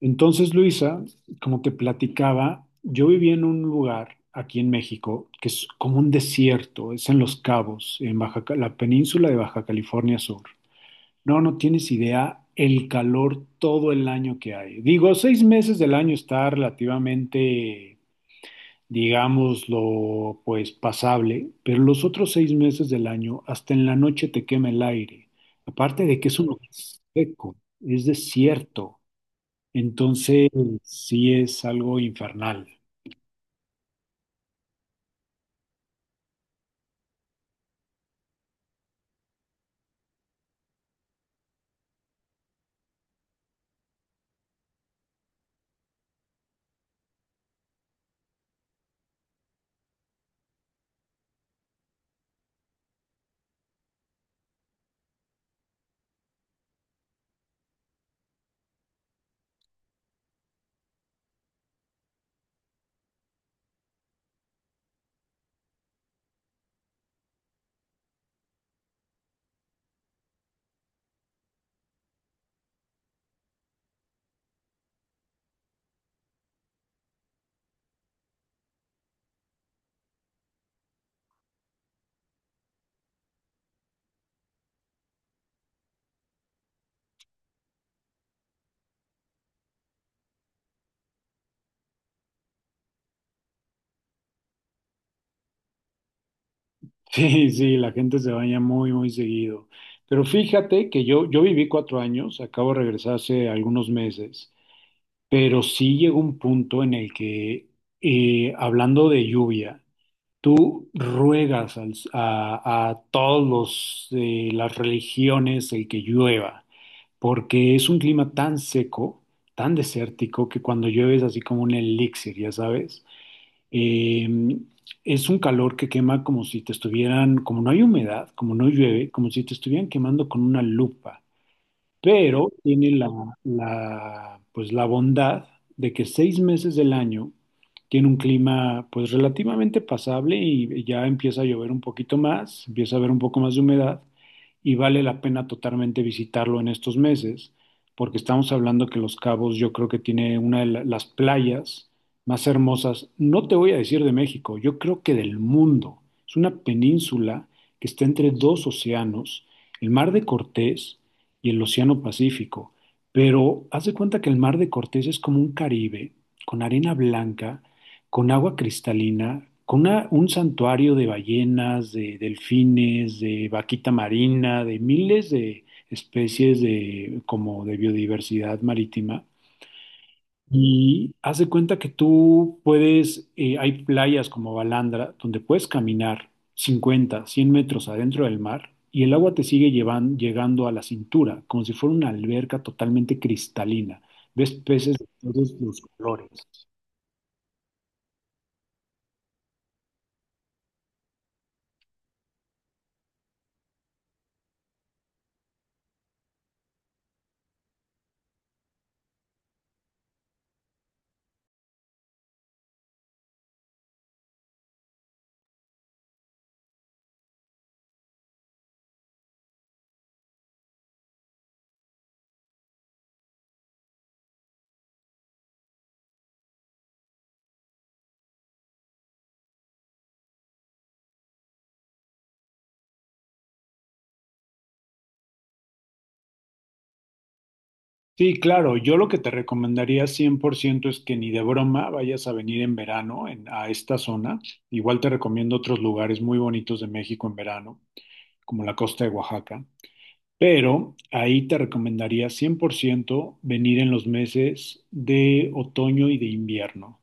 Entonces, Luisa, como te platicaba, yo viví en un lugar aquí en México que es como un desierto, es en Los Cabos, en Baja, la península de Baja California Sur. No, no tienes idea el calor todo el año que hay. Digo, 6 meses del año está relativamente, digámoslo, pues pasable, pero los otros 6 meses del año, hasta en la noche te quema el aire. Aparte de que es un lugar seco, es desierto. Entonces, sí es algo infernal. Sí, sí, la gente se baña muy, muy seguido. Pero fíjate que yo viví 4 años, acabo de regresar hace algunos meses, pero sí llegó un punto en el que, hablando de lluvia, tú ruegas a todos las religiones el que llueva, porque es un clima tan seco, tan desértico, que cuando llueve es así como un elixir, ya sabes. Eh, es un calor que quema como si te estuvieran, como no hay humedad, como no llueve, como si te estuvieran quemando con una lupa pero tiene la, pues, la bondad de que 6 meses del año tiene un clima pues relativamente pasable y ya empieza a llover un poquito más, empieza a haber un poco más de humedad y vale la pena totalmente visitarlo en estos meses, porque estamos hablando que Los Cabos yo creo que tiene una de las playas más hermosas, no te voy a decir de México, yo creo que del mundo. Es una península que está entre dos océanos, el Mar de Cortés y el Océano Pacífico. Pero haz de cuenta que el Mar de Cortés es como un Caribe, con arena blanca, con agua cristalina, con un santuario de ballenas, de delfines, de vaquita marina, de miles de especies de, como de biodiversidad marítima. Y haz de cuenta que tú puedes, hay playas como Balandra, donde puedes caminar 50, 100 metros adentro del mar y el agua te sigue llegando a la cintura, como si fuera una alberca totalmente cristalina. Ves peces de todos los colores. Sí, claro, yo lo que te recomendaría 100% es que ni de broma vayas a venir en verano a esta zona. Igual te recomiendo otros lugares muy bonitos de México en verano, como la costa de Oaxaca. Pero ahí te recomendaría 100% venir en los meses de otoño y de invierno,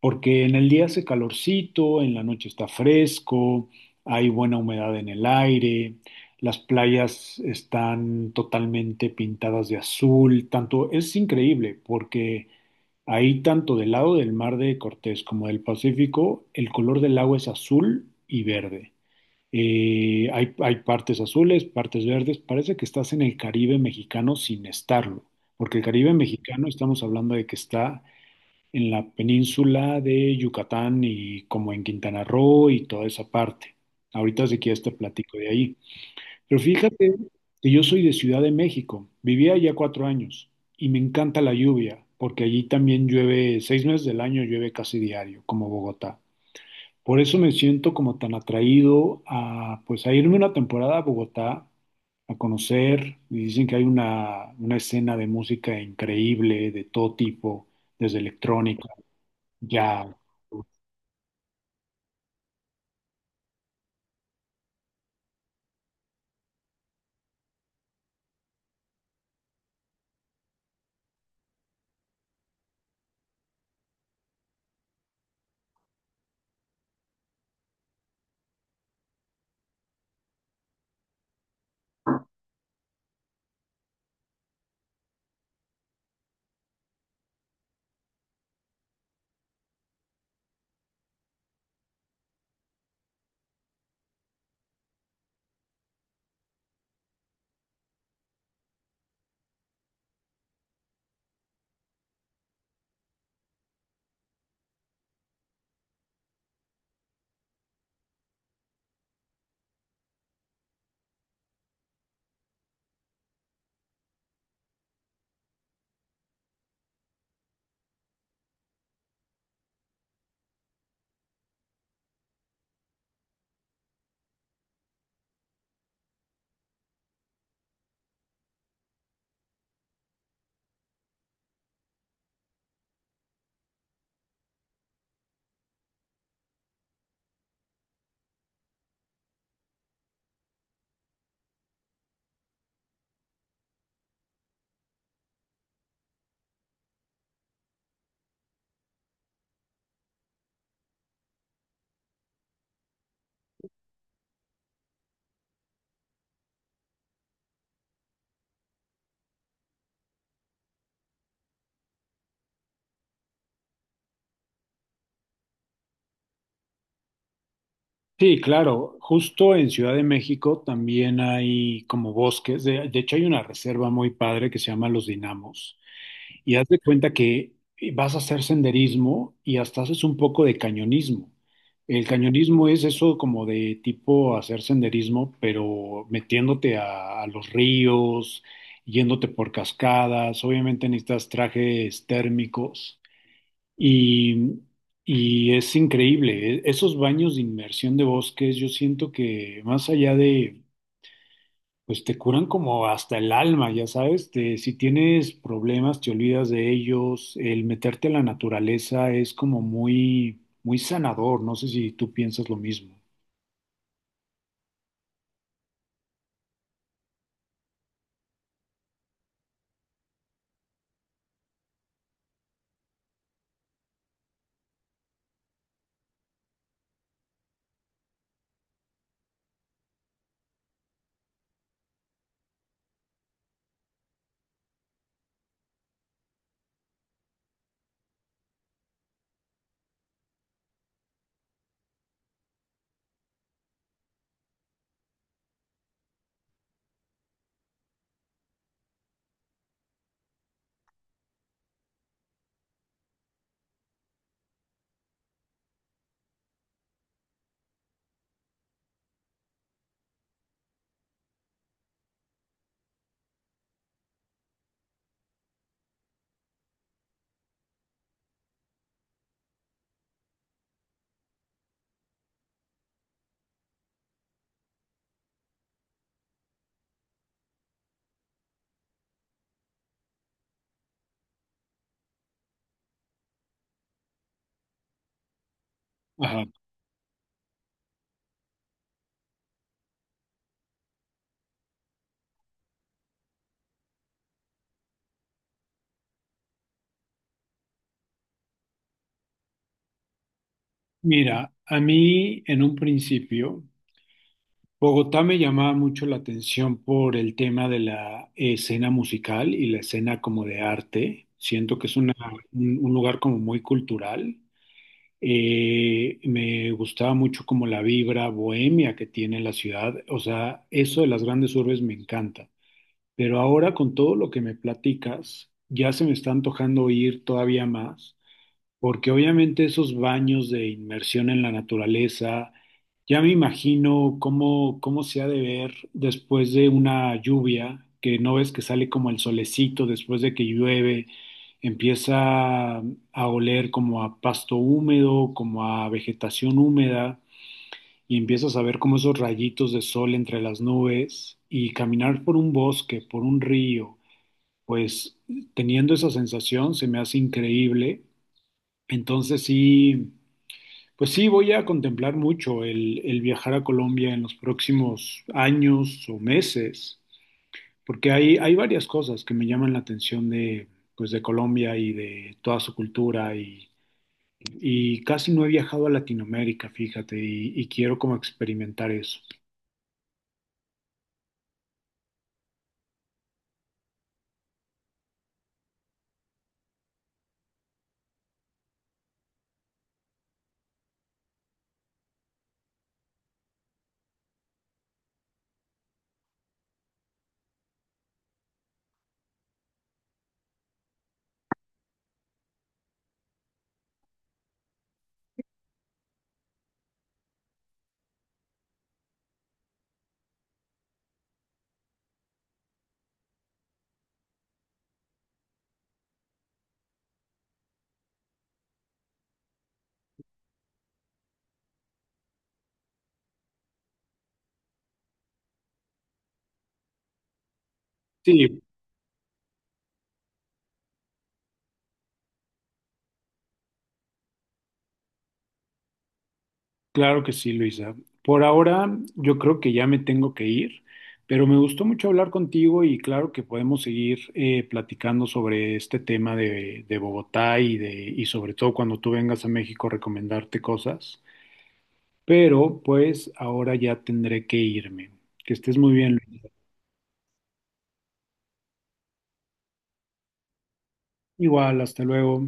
porque en el día hace calorcito, en la noche está fresco, hay buena humedad en el aire, las playas están totalmente pintadas de azul, tanto es increíble porque ahí tanto del lado del mar de Cortés como del Pacífico, el color del agua es azul y verde. Hay partes azules, partes verdes. Parece que estás en el Caribe mexicano sin estarlo, porque el Caribe mexicano estamos hablando de que está en la península de Yucatán y como en Quintana Roo y toda esa parte. Ahorita si quieres te platico de ahí. Pero fíjate que yo soy de Ciudad de México. Vivía allá 4 años y me encanta la lluvia, porque allí también llueve, 6 meses del año llueve casi diario, como Bogotá. Por eso me siento como tan atraído a, pues, a irme una temporada a Bogotá, a conocer, y dicen que hay una escena de música increíble, de todo tipo, desde electrónica, jazz. Sí, claro, justo en Ciudad de México también hay como bosques, de hecho hay una reserva muy padre que se llama Los Dinamos. Y haz de cuenta que vas a hacer senderismo y hasta haces un poco de cañonismo. El cañonismo es eso como de tipo hacer senderismo, pero metiéndote a los ríos, yéndote por cascadas. Obviamente necesitas trajes térmicos y, y, es increíble. Esos baños de inmersión de bosques, yo siento que más allá de pues te curan como hasta el alma, ya sabes, si tienes problemas te olvidas de ellos, el meterte a la naturaleza es como muy, muy sanador, no sé si tú piensas lo mismo. Ajá. Mira, a mí en un principio, Bogotá me llamaba mucho la atención por el tema de la escena musical y la escena como de arte, siento que es una, un lugar como muy cultural. Me gustaba mucho como la vibra bohemia que tiene la ciudad. O sea, eso de las grandes urbes me encanta. Pero ahora con todo lo que me platicas, ya se me está antojando ir todavía más. Porque obviamente esos baños de inmersión en la naturaleza, ya me imagino cómo se ha de ver después de una lluvia, que no ves que sale como el solecito después de que llueve, empieza a oler como a pasto húmedo, como a vegetación húmeda, y empiezas a ver como esos rayitos de sol entre las nubes, y caminar por un bosque, por un río, pues teniendo esa sensación se me hace increíble. Entonces sí. Pues sí, voy a contemplar mucho el viajar a Colombia en los próximos años o meses, porque hay varias cosas que me llaman la atención de, pues de Colombia y de toda su cultura y casi no he viajado a Latinoamérica, fíjate, y quiero como experimentar eso. Sí, claro que sí, Luisa. Por ahora yo creo que ya me tengo que ir, pero me gustó mucho hablar contigo y claro que podemos seguir platicando sobre este tema de Bogotá y sobre todo cuando tú vengas a México recomendarte cosas. Pero pues ahora ya tendré que irme. Que estés muy bien, Luisa. Igual, hasta luego.